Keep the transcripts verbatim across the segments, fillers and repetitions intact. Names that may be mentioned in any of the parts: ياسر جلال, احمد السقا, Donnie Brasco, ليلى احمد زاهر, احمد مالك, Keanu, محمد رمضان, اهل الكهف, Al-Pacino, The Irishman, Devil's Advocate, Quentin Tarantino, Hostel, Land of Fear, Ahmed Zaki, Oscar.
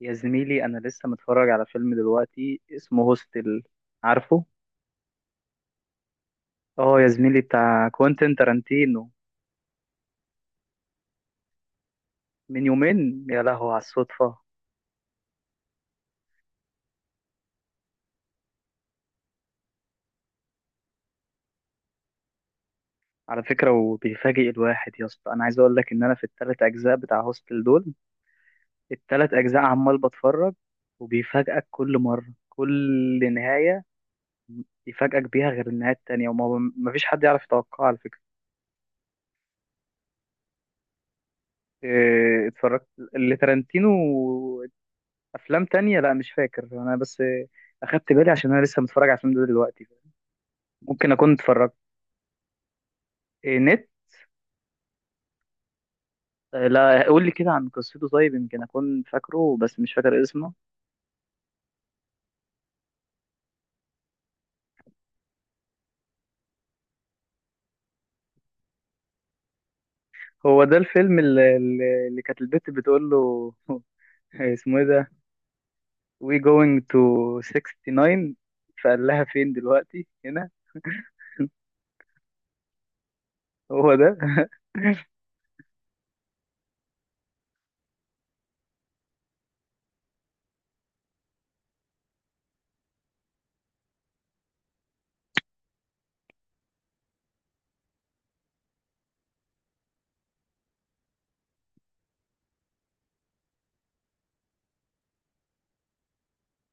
يا زميلي انا لسه متفرج على فيلم دلوقتي اسمه هوستل. عارفه؟ اه يا زميلي، بتاع كوينتين تارانتينو. من يومين يا لهو على الصدفة. على فكرة وبيفاجئ الواحد يا اسطى، انا عايز اقول لك ان انا في الثلاث اجزاء بتاع هوستل دول، الثلاث اجزاء عمال بتفرج، وبيفاجئك كل مرة، كل نهاية يفاجئك بيها غير النهاية التانية، وما مفيش حد يعرف يتوقعها على فكرة. إيه، اتفرجت اللي تارانتينو افلام تانية، لا مش فاكر انا، بس اخدت بالي عشان انا لسه متفرج على الفيلم ده دلوقتي. ممكن اكون اتفرجت. إيه نت؟ آه، لا قول لي كده عن قصته، طيب يمكن اكون فاكره بس مش فاكر اسمه. هو ده الفيلم اللي, اللي اللي كانت البت بتقول له اسمه ايه ده we going to تسعة وستين، فقال لها فين دلوقتي هنا. هو ده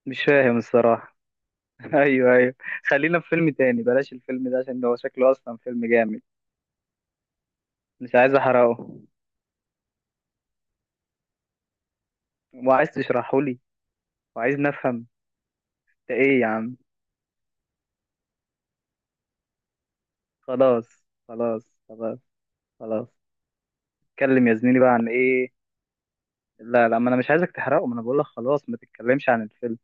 مش فاهم الصراحة. ايوه ايوه. خلينا في فيلم تاني، بلاش الفيلم ده، عشان ده هو شكله اصلا فيلم جامد. مش عايز احرقه وعايز تشرحه وعايزني افهم، ده ايه يا عم؟ خلاص خلاص خلاص خلاص. اتكلم يا زميلي بقى عن ايه؟ لا لا، ما انا مش عايزك تحرقه، ما انا بقول لك خلاص، ما تتكلمش عن الفيلم.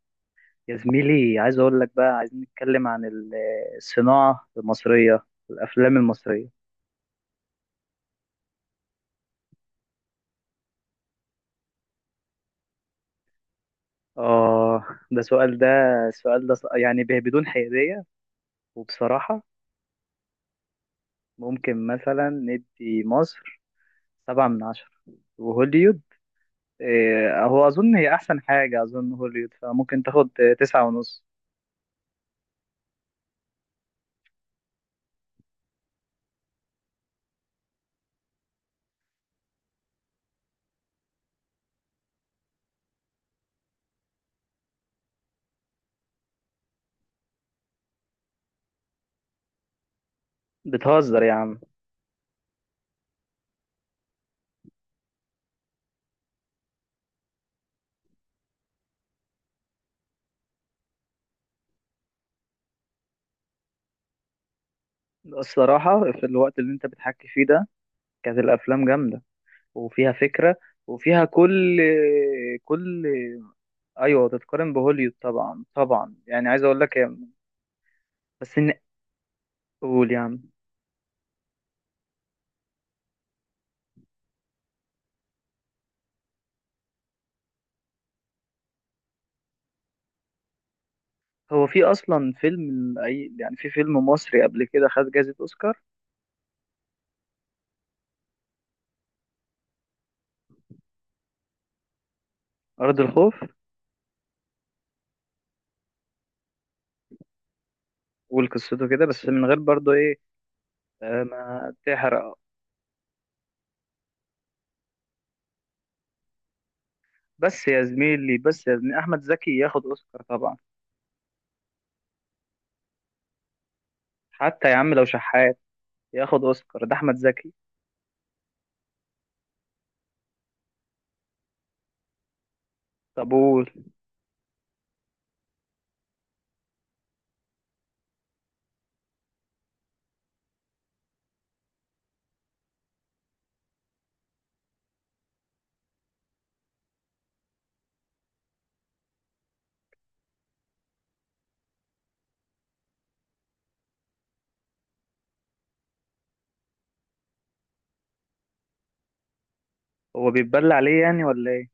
يا زميلي عايز اقول لك بقى، عايزين نتكلم عن ال- الصناعة المصرية، الافلام المصرية. اه ده سؤال، ده السؤال ده ص- يعني ب- بدون حيادية وبصراحة. ممكن مثلا ندي مصر سبعة من عشرة، وهوليود، إيه، هو أظن هي أحسن حاجة، أظن هوليود فممكن تاخد تسعة ونص. بتهزر يا عم. الصراحة في الوقت اللي انت بتحكي فيه ده كانت الأفلام جامدة وفيها فكرة وفيها كل كل. أيوة تتقارن بهوليوود طبعا طبعا، يعني عايز أقول لك يا- بس إن قول يا عم. هو في أصلا فيلم، أي يعني في فيلم مصري قبل كده خد جائزة أوسكار؟ أرض الخوف. والقصته كده بس من غير برضه إيه. آه، ما تحرق. بس يا زميلي، بس يا زميلي أحمد زكي ياخد أوسكار طبعا. حتى يا عم لو شحات ياخد أوسكار، ده أحمد زكي. طب قول. هو بيتبلى عليه يعني ولا ايه؟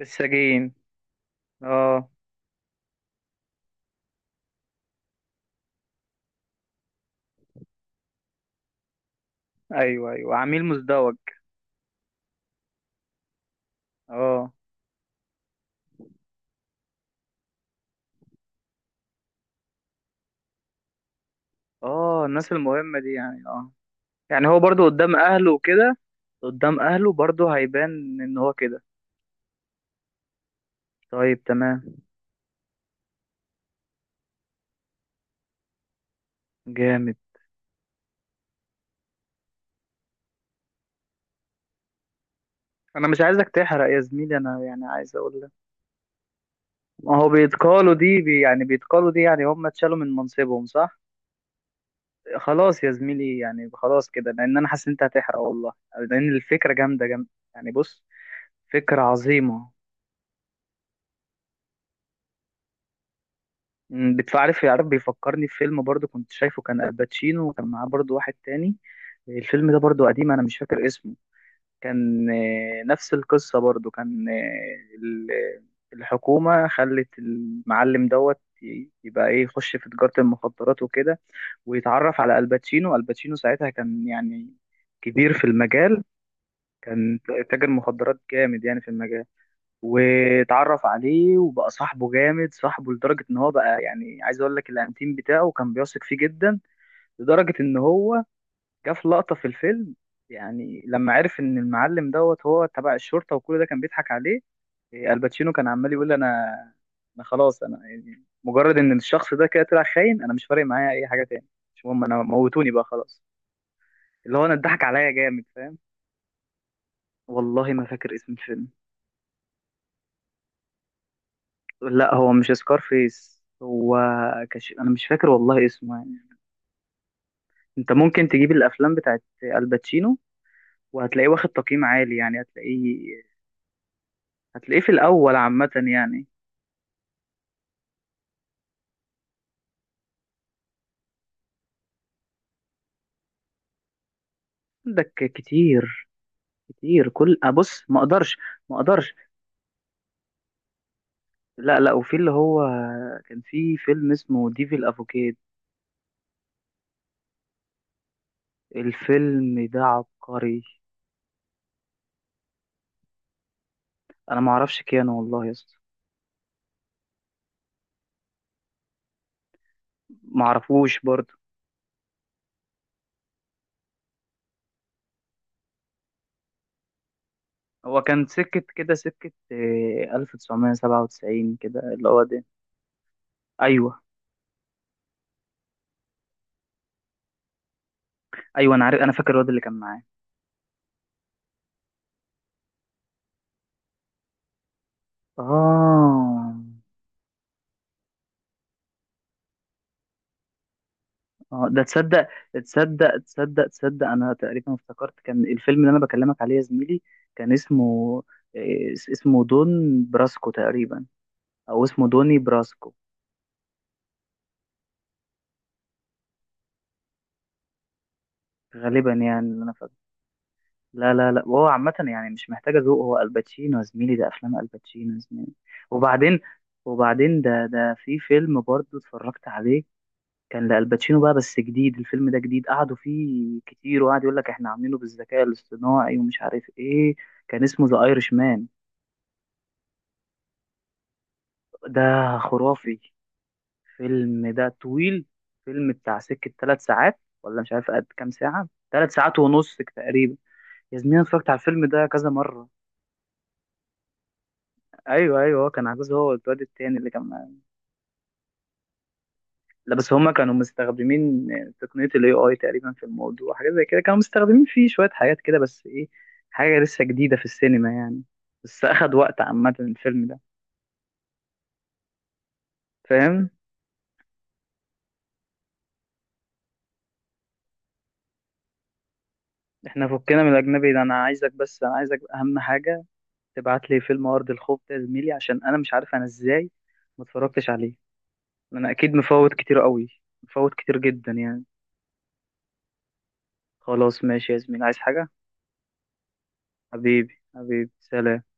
السجين. اه ايوه ايوه، عميل مزدوج. اه اه، الناس المهمة دي يعني اه. يعني هو برضو قدام اهله وكده، قدام اهله برضو هيبان ان هو كده. طيب تمام. جامد. انا مش عايزك تحرق يا زميلي، انا يعني عايز اقول لك، ما هو بيتقالوا دي بي يعني بيتقالوا دي، يعني هم اتشالوا من منصبهم صح؟ خلاص يا زميلي، يعني خلاص كده، لان انا حاسس ان انت هتحرق والله، لان الفكرة جامدة جامدة يعني. بص، فكرة عظيمة. مم، بتعرف يعرف بيفكرني في فيلم برضو كنت شايفه، كان الباتشينو وكان معاه برضو واحد تاني. الفيلم ده برضو قديم انا مش فاكر اسمه. كان آه، نفس القصة برضو، كان آه، ال- آه، الحكومة خلت المعلم دوت ي- يبقى ايه، يخش في تجارة المخدرات وكده، ويتعرف على الباتشينو. الباتشينو ساعتها كان يعني كبير في المجال، كان تاجر مخدرات جامد يعني في المجال. واتعرف عليه وبقى صاحبه جامد، صاحبه لدرجة ان هو بقى يعني عايز اقول لك الانتيم بتاعه، كان بيثق فيه جدا لدرجة ان هو جه في لقطة في الفيلم، يعني لما عرف ان المعلم دوت هو تبع الشرطة وكل ده كان بيضحك عليه. إيه، الباتشينو كان عمال يقول: انا، انا خلاص انا يعني، مجرد ان الشخص ده كده طلع خاين، انا مش فارق معايا اي حاجة تاني، مش مهم، انا موتوني بقى خلاص. اللي هو انا اتضحك عليا جامد، فاهم. والله ما فاكر اسم الفيلم. لا هو مش سكارفيس، هو كش... انا مش فاكر والله اسمه يعني. انت ممكن تجيب الافلام بتاعت الباتشينو وهتلاقيه واخد تقييم عالي، يعني هتلاقيه، هتلاقيه في الاول عامه يعني. عندك كتير، كتير كل ابص، ما اقدرش، ما اقدرش. لا لا، وفي اللي هو كان في فيلم اسمه ديفل افوكيد، الفيلم ده عبقري. انا ما اعرفش كيانو والله يا اسطى. ما اعرفوش برضه. هو كان سكة كده، سكة آه، ألف وتسعمية سبعة وتسعين كده اللي هو. ايوه ايوه، انا عارف، انا فاكر الواد اللي كان معاه. اه اه، ده تصدق، تصدق تصدق تصدق انا تقريبا افتكرت. كان الفيلم اللي انا بكلمك عليه يا زميلي كان اسمه إيه، اس- اسمه دون براسكو تقريبا، او اسمه دوني براسكو. غالبا يعني اللي انا فاكر. لا لا لا، وهو عامة يعني مش محتاجة ذوق، هو الباتشينو يا زميلي، ده افلام الباتشينو يا زميلي. وبعدين وبعدين ده ده في فيلم برضه اتفرجت عليه، كان لالباتشينو بقى بس جديد. الفيلم ده جديد، قعدوا فيه كتير وقعد يقول لك احنا عاملينه بالذكاء الاصطناعي ومش عارف ايه. كان اسمه ذا ايرش مان، ده خرافي. فيلم ده طويل، فيلم بتاع سكة ثلاث ساعات، ولا مش عارف قد كام ساعة، ثلاث ساعات ونص تقريبا. يا زميلي أنا اتفرجت على الفيلم ده كذا مرة. ايوه ايوه، هو كان عجوز هو والواد التاني اللي كان. لا بس هما كانوا مستخدمين تقنية ال إيه آي تقريبا في الموضوع، حاجة زي كده، كانوا مستخدمين فيه شوية حاجات كده، بس ايه، حاجة لسه جديدة في السينما يعني. بس أخد وقت عامة الفيلم ده، فاهم. احنا فكنا من الأجنبي ده، أنا عايزك، بس أنا عايزك أهم حاجة تبعت لي فيلم أرض الخوف ده يا زميلي، عشان أنا مش عارف أنا ازاي ما اتفرجتش عليه. أنا أكيد مفوت كتير قوي، مفوت كتير جدا يعني. خلاص ماشي يا زميلي، عايز حاجة؟ حبيبي حبيبي سلام.